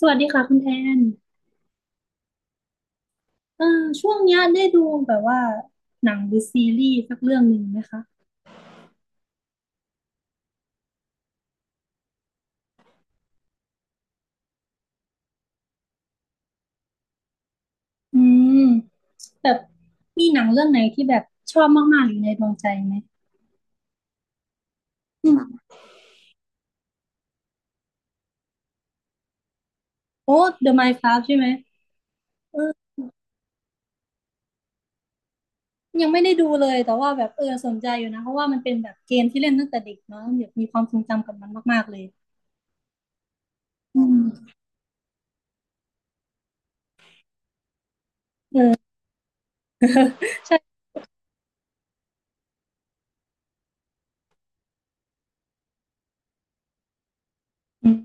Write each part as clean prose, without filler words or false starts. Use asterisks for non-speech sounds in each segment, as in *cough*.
สวัสดีค่ะคุณแทนเออช่วงเนี้ยได้ดูแบบว่าหนังหรือซีรีส์สักเรื่องหนึ่งไหมคะอืมแบบมีหนังเรื่องไหนที่แบบชอบมากๆอยู่ในดวงใจไหมอืมโอ้ The Minecraft ใช่ไหมเออยังไม่ได้ดูเลยแต่ว่าแบบเออสนใจอยู่นะเพราะว่ามันเป็นแบบเกมที่เล่นตั้งแต่เด็กเนาะแบบมีความทรงจำกับมันมากๆเลยอืมเออ *laughs* ใช่อืม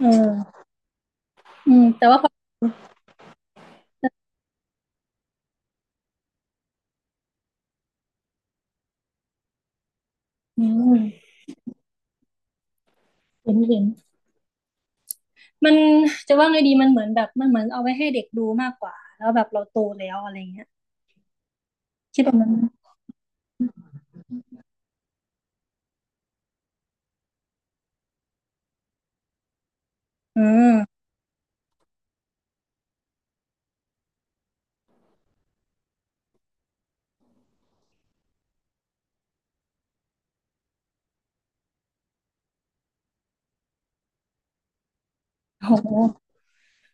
เอออืมแต่ว่าพออืมเห็นเห็น มันจะว่าไงดีมันเหมือนแบบมันเหมือนเอาไว้ให้เด็กดูมากกว่าแล้วแบบเราโตแล้วอะไรเงี้ยคิดแบบนั้นอืมโห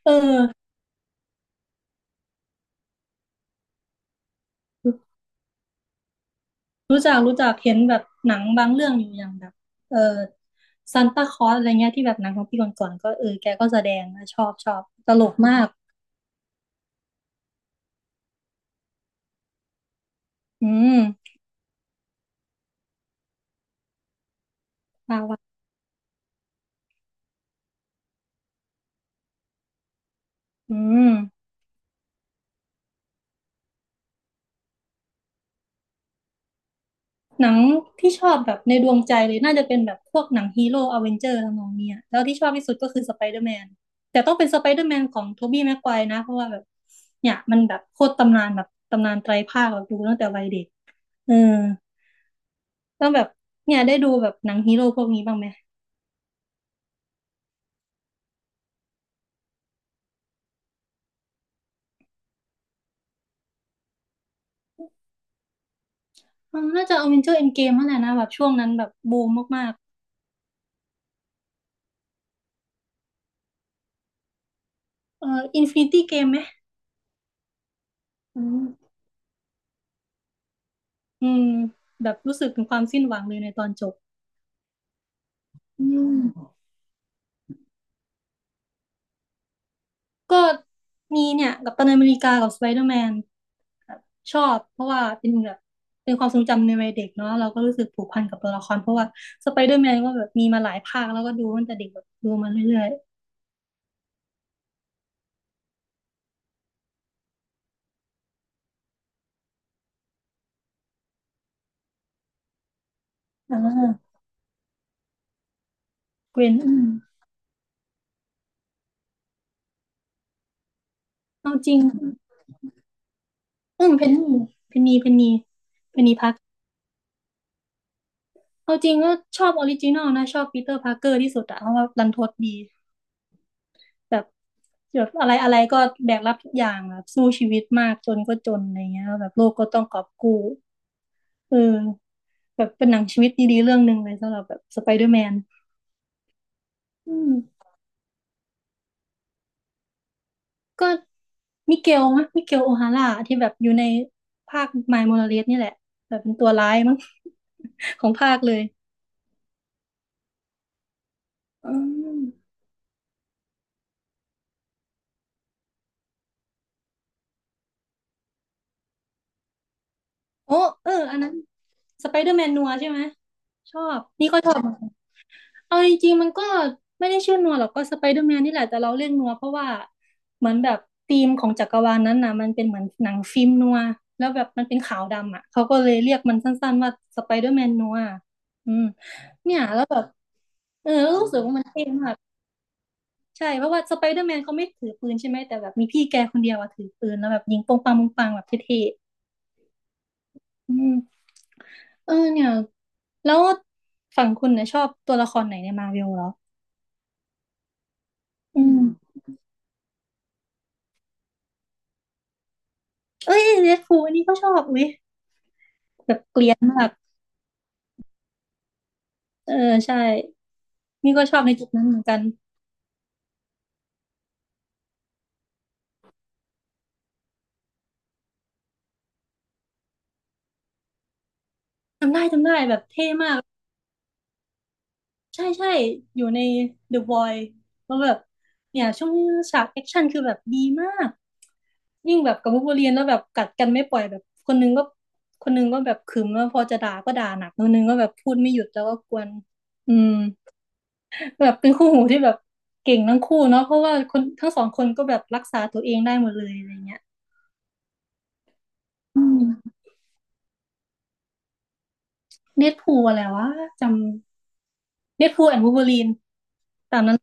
เออรู้จักรู้จักเห็นแบบหนังบางเรื่องอยู่อย่างแบบเออซานตาคลอสอะไรเงี้ยที่แบบหนังของพี่ก่อนๆก็เออแกก็แสดงนะชอบชอบตลกมากอืมปาวะอืม หนังที่ชอบแบบในดวงใจเลยน่าจะเป็นแบบพวกหนังฮีโร่อเวนเจอร์ทำนองเนี้ยแล้วที่ชอบที่สุดก็คือสไปเดอร์แมนแต่ต้องเป็นสไปเดอร์แมนของโทบี้แม็กไกวร์นะเพราะว่าแบบเนี่ยมันแบบโคตรตำนานแบบตำนานไตรภาคแบบดูตั้งแต่วัยเด็กเออแล้วแบบเนี่ยได้ดูแบบหนังฮีโร่พวกนี้บ้างไหมเออน่าจะอเวนเจอร์เอ็นเกมนั่นแหละนะแบบช่วงนั้นแบบบูมมากๆเอออินฟินิตี้เกมไหมอืมอืมแบบรู้สึกถึงความสิ้นหวังเลยในตอนจบอืม ก็มีเนี่ยกัปตันอเมริกากับสไปเดอร์แมนแบบชอบเพราะว่าเป็นแบบเป็นความทรงจำในวัยเด็กเนาะเราก็รู้สึกผูกพันกับตัวละครเพราะว่าสไปเดอร์แมนก็แบบมีมาหลายภาคแล้วก็ดูตั้งแต่เด็กแบบดูมาเรื่อยๆอ่าเกรนอืมเอาจริงอืมเพนนีเพนนีเพนนีพักเอาจริงก็ชอบออริจินอลนะชอบปีเตอร์พาร์เกอร์ที่สุดอะเพราะว่ารันทดดีแบบแบบอะไรอะไรก็แบกรับทุกอย่างแบบสู้ชีวิตมากจนก็จนอะไรเงี้ยแบบโลกก็ต้องกอบกู้ เออแบบเป็นหนังชีวิตดีๆเรื่องหนึ่งเลยสำหรับแบบสไปเดอร์แมนอืมก็มิเกลโอฮาร่าที่แบบอยู่ในภาคมายโมราเลสนี่แหละแบบเป็นตัวร้ายมั้ง *laughs* ของภาคเลยอืมโอ้เอออันนั้นสไปเดอร์แมนนัวใช่ไหมชอบนี่ก็ชอบ เอาจริงๆมันก็ไม่ได้ชื่อนัวหรอกก็สไปเดอร์แมนนี่แหละแต่เราเรียกนัวเพราะว่าเหมือนแบบธีมของจักรวาลนั้นน่ะมันเป็นเหมือนหนังฟิล์มนัวแล้วแบบมันเป็นขาวดำอ่ะเขาก็เลยเรียกมันสั้นๆว่าสไปเดอร์แมนนัวอืมเนี่ยแล้วแบบเออรู้สึกว่ามันเท่มากใช่เพราะว่าสไปเดอร์แมนเขาไม่ถือปืนใช่ไหมแต่แบบมีพี่แกคนเดียวอะถือปืนแล้วแบบยิงปงปังปงปังแบบเท่ๆอืมเออเนี่ยแล้วฝั่งคุณเนี่ยชอบตัวละครไหนในมาร์เวลเหรออืม เอ้ยเรดฟูลอันนี้ก็ชอบอุ้ยเออใช่นี่ก็ชอบในจุดนั้นเหมือนกันจำได้จำได้แบบเท่มากใช่ใช่อยู่ใน The Void แล้วแบบเนี่ยช่วงฉากแอคชั่นคือแบบดีมากยิ่งแบบกับวูล์ฟเวอรีนแล้วแบบกัดกันไม่ปล่อยแบบคนนึงก็แบบขึมแล้วพอจะด่าก็ด่าหนักคนนึงก็แบบพูดไม่หยุดแล้วก็กวนอืมแบบเป็นคู่หูที่แบบเก่งทั้งคู่เนาะเพราะว่าคนทั้งสองคนก็แบบรักษาตัวเองได้หมดเลยอะไรเงี้ยอืม เน o ตพูอะไรวะจำเน o ตพูแอนด์วูล์ฟเวอรีนตามนั้น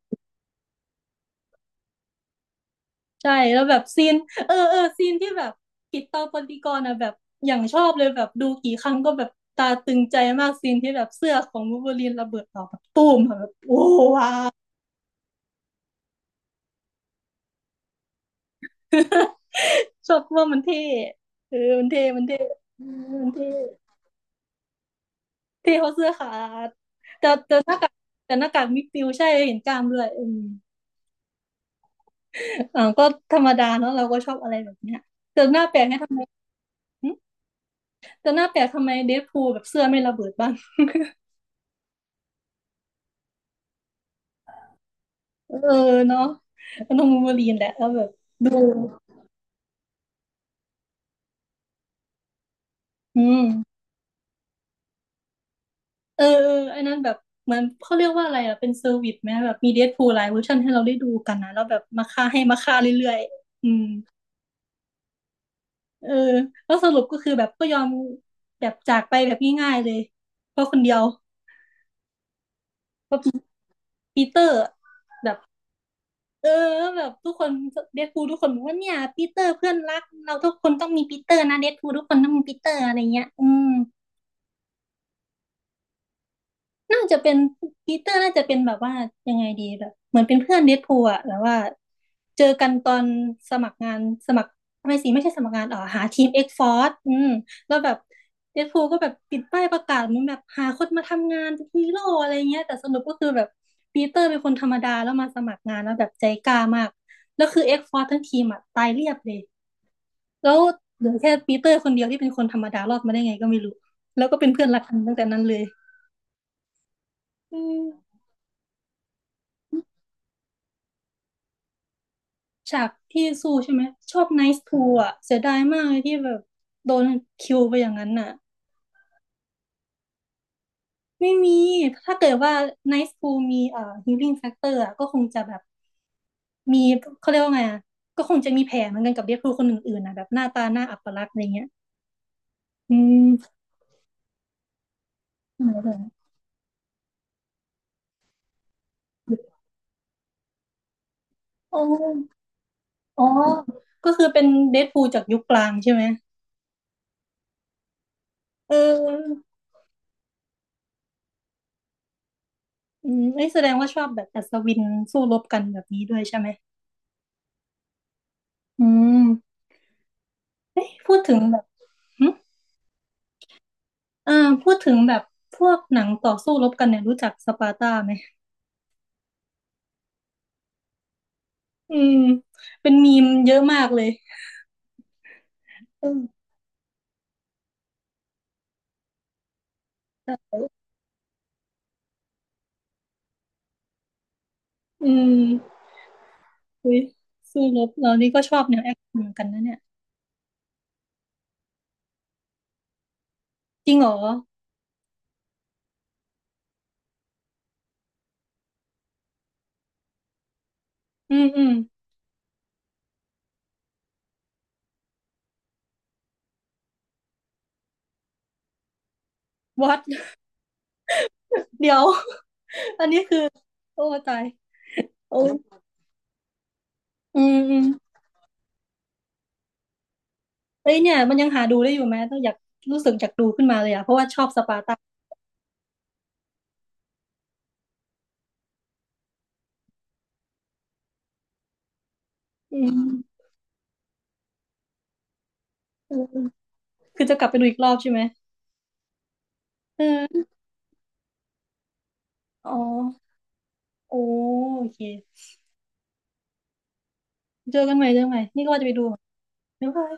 ใช่แล้วแบบซีนเออซีนที่แบบกิตตอปฏิกรณ์อะแบบอย่างชอบเลยแบบดูกี่ครั้งก็แบบตาตึงใจมากซีนที่แบบเสื้อของวูล์ฟเวอรีนระเบิดออกแบบตูมอะแบบโอ้ว้าวชอบว่ามันเท่เออมันเท่ มันเท่เออมันเท่เท่เขาะเสื้อขาดแต่หน้าแต่หน้ากากมิดฟิลด์ใช่เห็นกล้ามด้วยอืมอ่าก็ธรรมดาเนาะเราก็ชอบอะไรแบบเนี้ยแต่หน้าแปลกให้ทำไม แต่หน้าแปลกทำไมเดดพูลแบบเสื้อไม่ระเบิดบ้างเออเนาะมันต้องวูล์ฟเวอรีนแหละแล้วแบบดูอืมเออเออไอ้นั้นแบบเหมอนเขาเรียกว่าอะไรอ่ะเป็นเซอร์วิสไหมแบบมีเดดพูลหลายเวอร์ชันให้เราได้ดูกันนะแล้วแบบมาฆ่าให้มาฆ่าเรื่อยๆอืมเออแล้วสรุปก็คือแบบก็ยอมแบบจากไปแบบง่ายๆเลยเพราะคนเดียวเพราะปีเตอร์แบบ เออแบบทุกคนเดดพูลทุกคนบอกว่าเนี่ยปีเตอร์เพื่อนรักเราทุกคนต้องมีปีเตอร์นะเดดพูลทุกคนต้องมีปีเตอร์อะไรเงี้ยอืม น่าจะเป็นปีเตอร์น่าจะเป็นแบบว่ายังไงดีแบบเหมือนเป็นเพื่อนเดดพูลอะแบบว่าเจอกันตอนสมัครงานสมัครไม่สิไม่ใช่สมัครงานอ๋อหาทีมเอ็กฟอร์อืมแล้วแบบเดดพูลก็แบบปิดป้ายประกาศเหมันแบบหาคนมาทำงานเป็นฮีโร่อะไรเงี้ยแต่สรุปก็คือแบบปีเตอร์เป็นคนธรรมดาแล้วมาสมัครงานแล้วแบบใจกล้ามากแล้วคือเอ็กฟอร์ทั้งทีมอะตายเรียบเลยแล้วเหลือแค่ปีเตอร์คนเดียวที่เป็นคนธรรมดารอดมาได้ไงก็ไม่รู้แล้วก็เป็นเพื่อนรักกันตั้งแต่นั้นเลยอืม ฉากที่สู้ใช่ไหมชอบไนซ์ทูอ่ะเสียดายมากเลยที่แบบโดนคิวไปอย่างนั้นน่ะไม่มีถ้าเกิดว่าไนซ์ทูมีฮีลิ่งแฟกเตอร์อ่ะก็คงจะแบบมีเขาเรียกว่าไงอ่ะก็คงจะมีแผลเหมือนกันกับเดดพูลคนอื่นๆนะแบบหน้าตาหน้าอัปลักษณ์อะไรเงี้ยอืมไหนเลยโอ้อ๋อก็คือเป็นเดดพูลจากยุคกลางใช่ไหมเอออืมเอ้ยแสดงว่าชอบแบบอัศวินสู้รบกันแบบนี้ด้วยใช่ไหมอืมเอ้ยพูดถึงแบบหึ อ่าพูดถึงแบบพวกหนังต่อสู้รบกันเนี่ยรู้จักสปาร์ตาไหมอืมเป็นมีมเยอะมากเลยอืมใช่อืมอุ้ยสู้รบเรานี่ก็ชอบแนวแอคชั่นเหมือนกันนะเนี่ยจริงเหรออืมอืมวัดเดี๋ยว *laughs* อันนี้คือโอ้ตายโอ้ยอืมอืมเอ้ยเนี่ยมันยังหาดูได้อยู่ไหมต้องอยากรู้สึกอยากดูขึ้นมาเลยอะเพราะว่าชอบสปาร์ตาอืมอืมอืมคือจะกลับไปดูอีกรอบใช่ไหมเอออ๋อโอโอเคเจอกันใหม่เจอกันใหม่นี่ก็ว่าจะไปดู บ๊ายบาย